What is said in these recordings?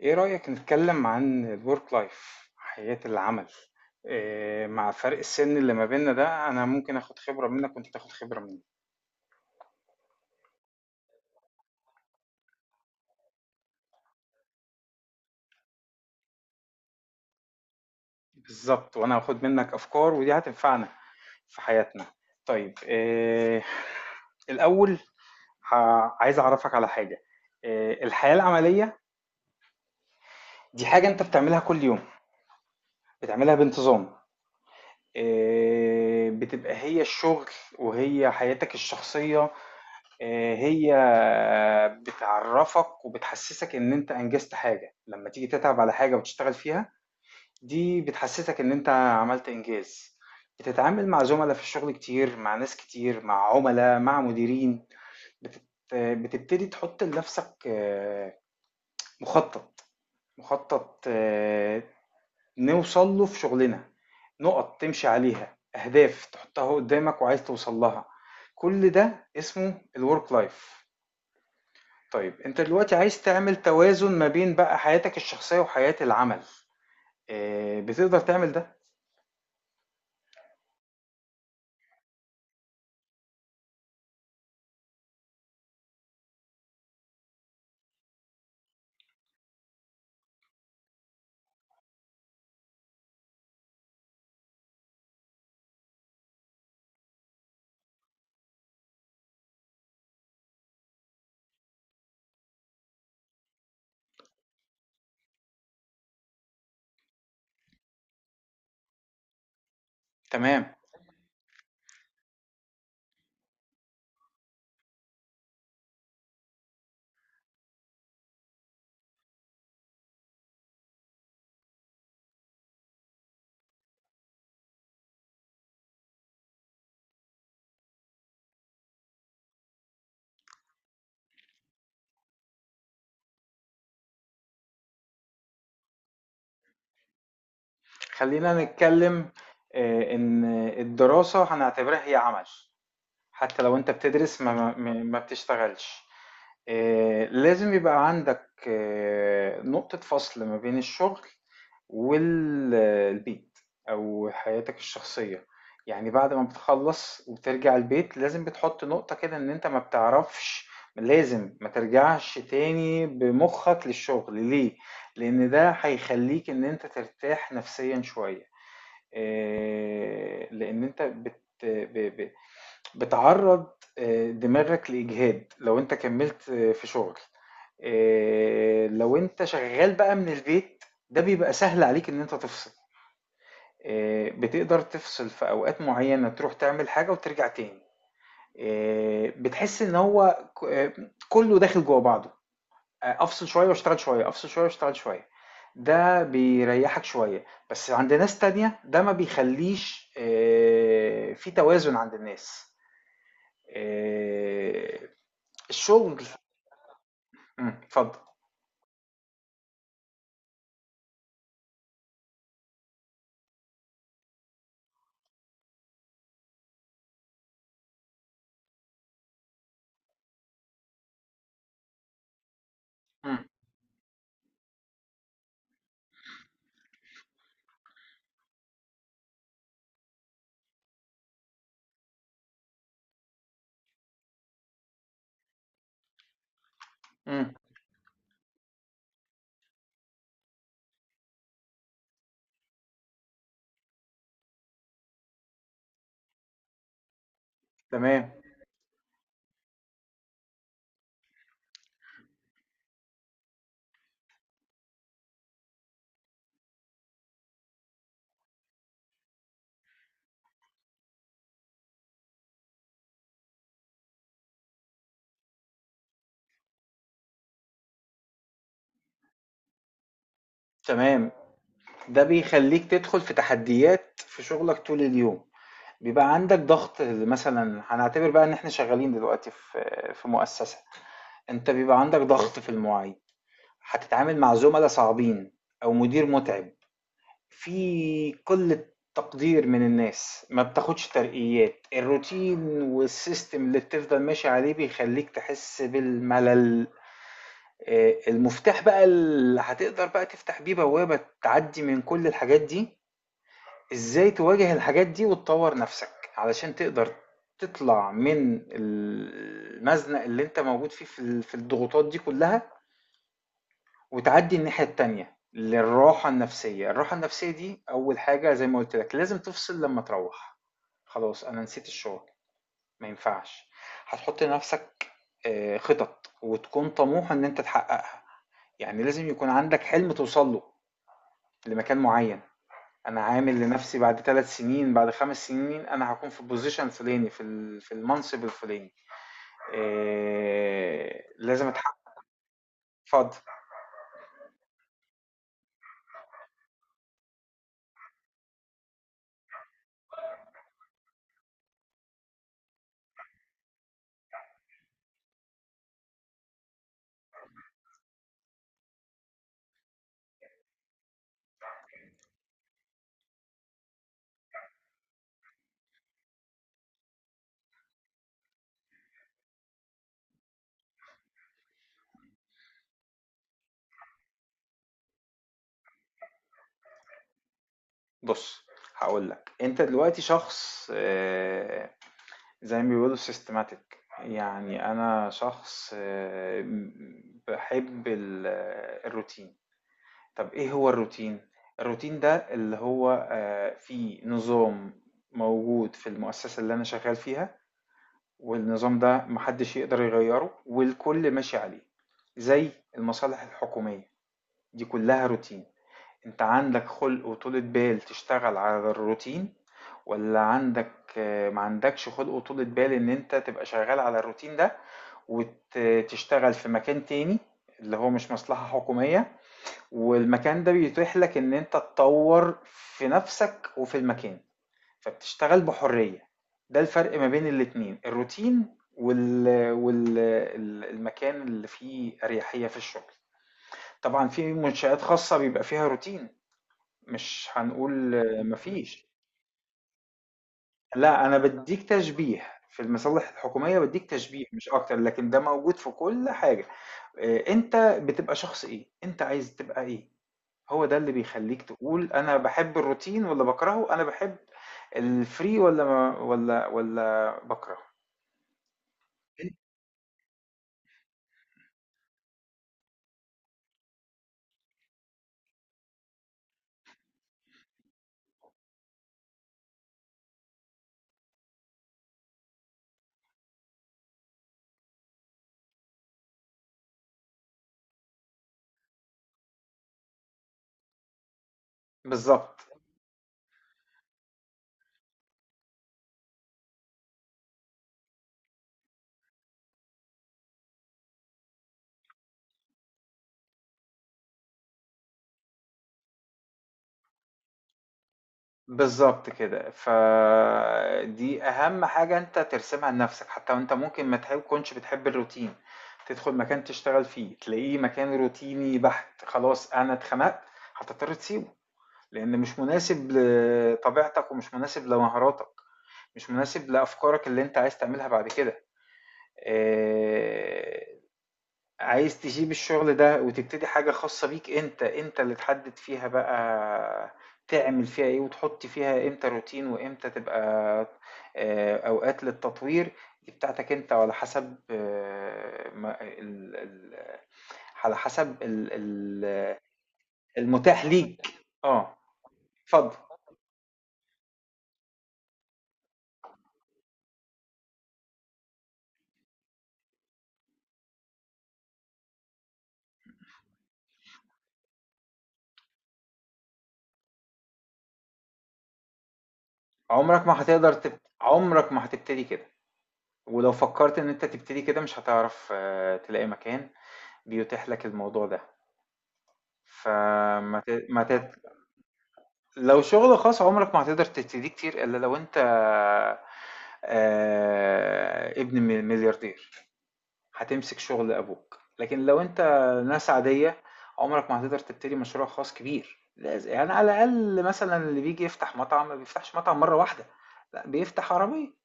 إيه رأيك نتكلم عن الورك لايف حياة العمل؟ إيه مع فرق السن اللي ما بيننا ده، أنا ممكن آخد خبرة منك وأنت تاخد خبرة مني. بالظبط، وأنا هاخد منك أفكار ودي هتنفعنا في حياتنا. طيب، إيه الأول، عايز أعرفك على حاجة. إيه الحياة العملية؟ دي حاجة أنت بتعملها كل يوم، بتعملها بانتظام. إيه، بتبقى هي الشغل وهي حياتك الشخصية. هي بتعرفك وبتحسسك ان انت انجزت حاجة. لما تيجي تتعب على حاجة وتشتغل فيها، دي بتحسسك ان انت عملت انجاز. بتتعامل مع زملاء في الشغل كتير، مع ناس كتير، مع عملاء، مع مديرين. بتت... بتبتدي تحط لنفسك مخطط، مخطط، نوصل له في شغلنا، نقط تمشي عليها، اهداف تحطها قدامك وعايز توصل لها. كل ده اسمه الورك لايف. طيب، أنت دلوقتي عايز تعمل توازن ما بين بقى حياتك الشخصية وحياة العمل، بتقدر تعمل ده؟ تمام. خلّينا نتكلم إن الدراسة هنعتبرها هي عمل، حتى لو أنت بتدرس ما بتشتغلش. لازم يبقى عندك نقطة فصل ما بين الشغل والبيت او حياتك الشخصية. يعني بعد ما بتخلص وبترجع البيت، لازم بتحط نقطة كده ان انت ما بتعرفش، لازم ما ترجعش تاني بمخك للشغل. ليه؟ لان ده هيخليك ان انت ترتاح نفسيا شوية. إيه، لان انت ب... ب... بتعرض دماغك لإجهاد لو انت كملت في شغل. لو انت شغال بقى من البيت، ده بيبقى سهل عليك ان انت تفصل. بتقدر تفصل في اوقات معينة، تروح تعمل حاجة وترجع تاني. بتحس ان هو كله داخل جوه بعضه. افصل شوية واشتغل شوية، افصل شوية واشتغل شوية، ده بيريحك شوية. بس عند ناس تانية ده ما بيخليش في توازن عند الناس. آه، الشغل اتفضل. امم، امم، تمام، تمام. ده بيخلّيك تدخل في تحديات في شغلك طول اليوم، بيبقى عندك ضغط. مثلًا هنعتبر بقى إن إحنا شغالين دلوقتي في مؤسسة، أنت بيبقى عندك ضغط في المواعيد، هتتعامل مع زملا صعبين أو مدير متعب، في قلة تقدير من الناس، ما بتاخدش ترقيات، الروتين والسيستم اللي بتفضل ماشي عليه بيخلّيك تحس بالملل. المفتاح بقى اللي هتقدر بقى تفتح بيه بوابة تعدي من كل الحاجات دي، ازاي تواجه الحاجات دي وتطور نفسك علشان تقدر تطلع من المزنق اللي انت موجود فيه في في الضغوطات دي كلها، وتعدي الناحية التانية للراحة النفسية. الراحة النفسية دي أول حاجة، زي ما قلت لك لازم تفصل لما تروح. خلاص أنا نسيت الشغل، ما ينفعش. هتحط لنفسك خطط وتكون طموح إن أنت تحققها. يعني لازم يكون عندك حلم توصل له لمكان معين. انا عامل لنفسي بعد 3 سنين، بعد 5 سنين، انا هكون في البوزيشن الفلاني في في المنصب الفلاني. إيه لازم اتحقق. اتفضل. بص، هقول لك. انت دلوقتي شخص إيه؟ زي ما بيقولوا سيستماتيك. يعني انا شخص إيه؟ بحب الروتين. طب إيه هو الروتين؟ الروتين ده اللي هو فيه نظام موجود في المؤسسة اللي أنا شغال فيها، والنظام ده محدش يقدر يغيره والكل ماشي عليه. زي المصالح الحكومية، دي كلها روتين. أنت عندك خلق وطولة بال تشتغل على الروتين، ولا عندك ما عندكش خلق وطولة بال إن أنت تبقى شغال على الروتين ده، وتشتغل في مكان تاني اللي هو مش مصلحة حكومية، والمكان ده بيتيح لك ان انت تطور في نفسك وفي المكان، فبتشتغل بحرية. ده الفرق ما بين الاتنين: الروتين المكان اللي فيه أريحية في الشغل. طبعا في منشآت خاصة بيبقى فيها روتين، مش هنقول مفيش. لا، أنا بديك تشبيه في المصالح الحكومية، بديك تشبيه مش أكتر، لكن ده موجود في كل حاجة. أنت بتبقى شخص إيه، أنت عايز تبقى إيه؟ هو ده اللي بيخلّيك تقول أنا باحب الروتين والّا باكرهه، أنا باحب الfree والّا ما والّا والّا باكرهه. أن بالضبط، بالضبط كده. فدي أهم حاجة أنت ترسمها لنفسك. حتى وأنت ممكن ما تكونش بتحب الروتين، تدخل مكان تشتغل فيه، تلاقيه مكان روتيني بحت، خلاص أنا اتخنقت، هتضطر تسيبه، لإن مش مناسب لطبيعتك ومش مناسب لمهاراتك، مش مناسب لأفكارك اللي أنت عايز تعملها بعد كده. آآ عايز تسيب الشغل ده وتبتدي حاجة خاصة بيك، انت انت اللي تحدد فيها بقى تعمل فيها ايه، وتحط فيها امتى روتين وامتى تبقى اوقات للتطوير. دي بتاعتك انت، وعلى حسب آه، ما- ال- ال- على حسب ال- ال- المتاح حسب ليك. اه، اتفضل. عمرك ما هتبتدي كده، ولو فكرت ان انت تبتدي كده مش هتعرف تلاقي مكان بيتيح لك الموضوع ده. فما ت... ما ت... لو شغل خاص عمرك ما هتقدر تبتديه كتير إلا لو أنت ابن ملياردير، هتمسك شغل أبوك. لكن لو أنت ناس عادية، عمرك ما هتقدر تبتدي مشروع خاص كبير. يعني على الأقل مثلا اللي بيجي يفتح مطعم ما بيفتحش مطعم مرة واحدة. لا، بيفتح عربية،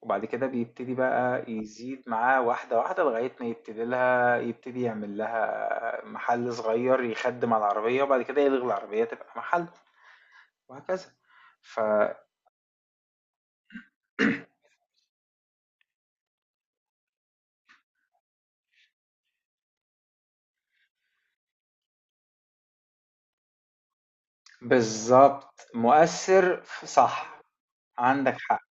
وبعد كده بيبتدي بقى يزيد معاه واحدة واحدة لغاية ما يبتدي لها، يبتدي يعمل لها محل صغير يخدم على العربية، وبعد كده يلغي العربية تبقى محل، وهكذا. ف بالظبط مؤثر صح. عندك حق.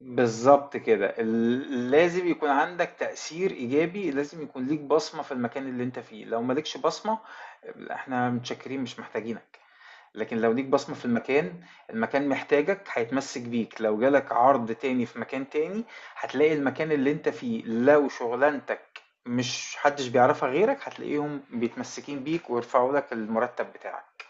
بالظبط كده. لازم يكون عندك تأثير إيجابي، لازم يكون ليك بصمة في المكان اللي أنت فيه. لو مالكش بصمة، إحنا متشكرين مش محتاجينك. لكن لو ليك بصمة في المكان، المكان محتاجك، هيتمسك بيك. لو جالك عرض تاني في مكان تاني، هتلاقي المكان اللي أنت فيه لو شغلانتك مش حدش بيعرفها غيرك، هتلاقيهم بيتمسكين بيك ويرفعوا لك المرتب بتاعك.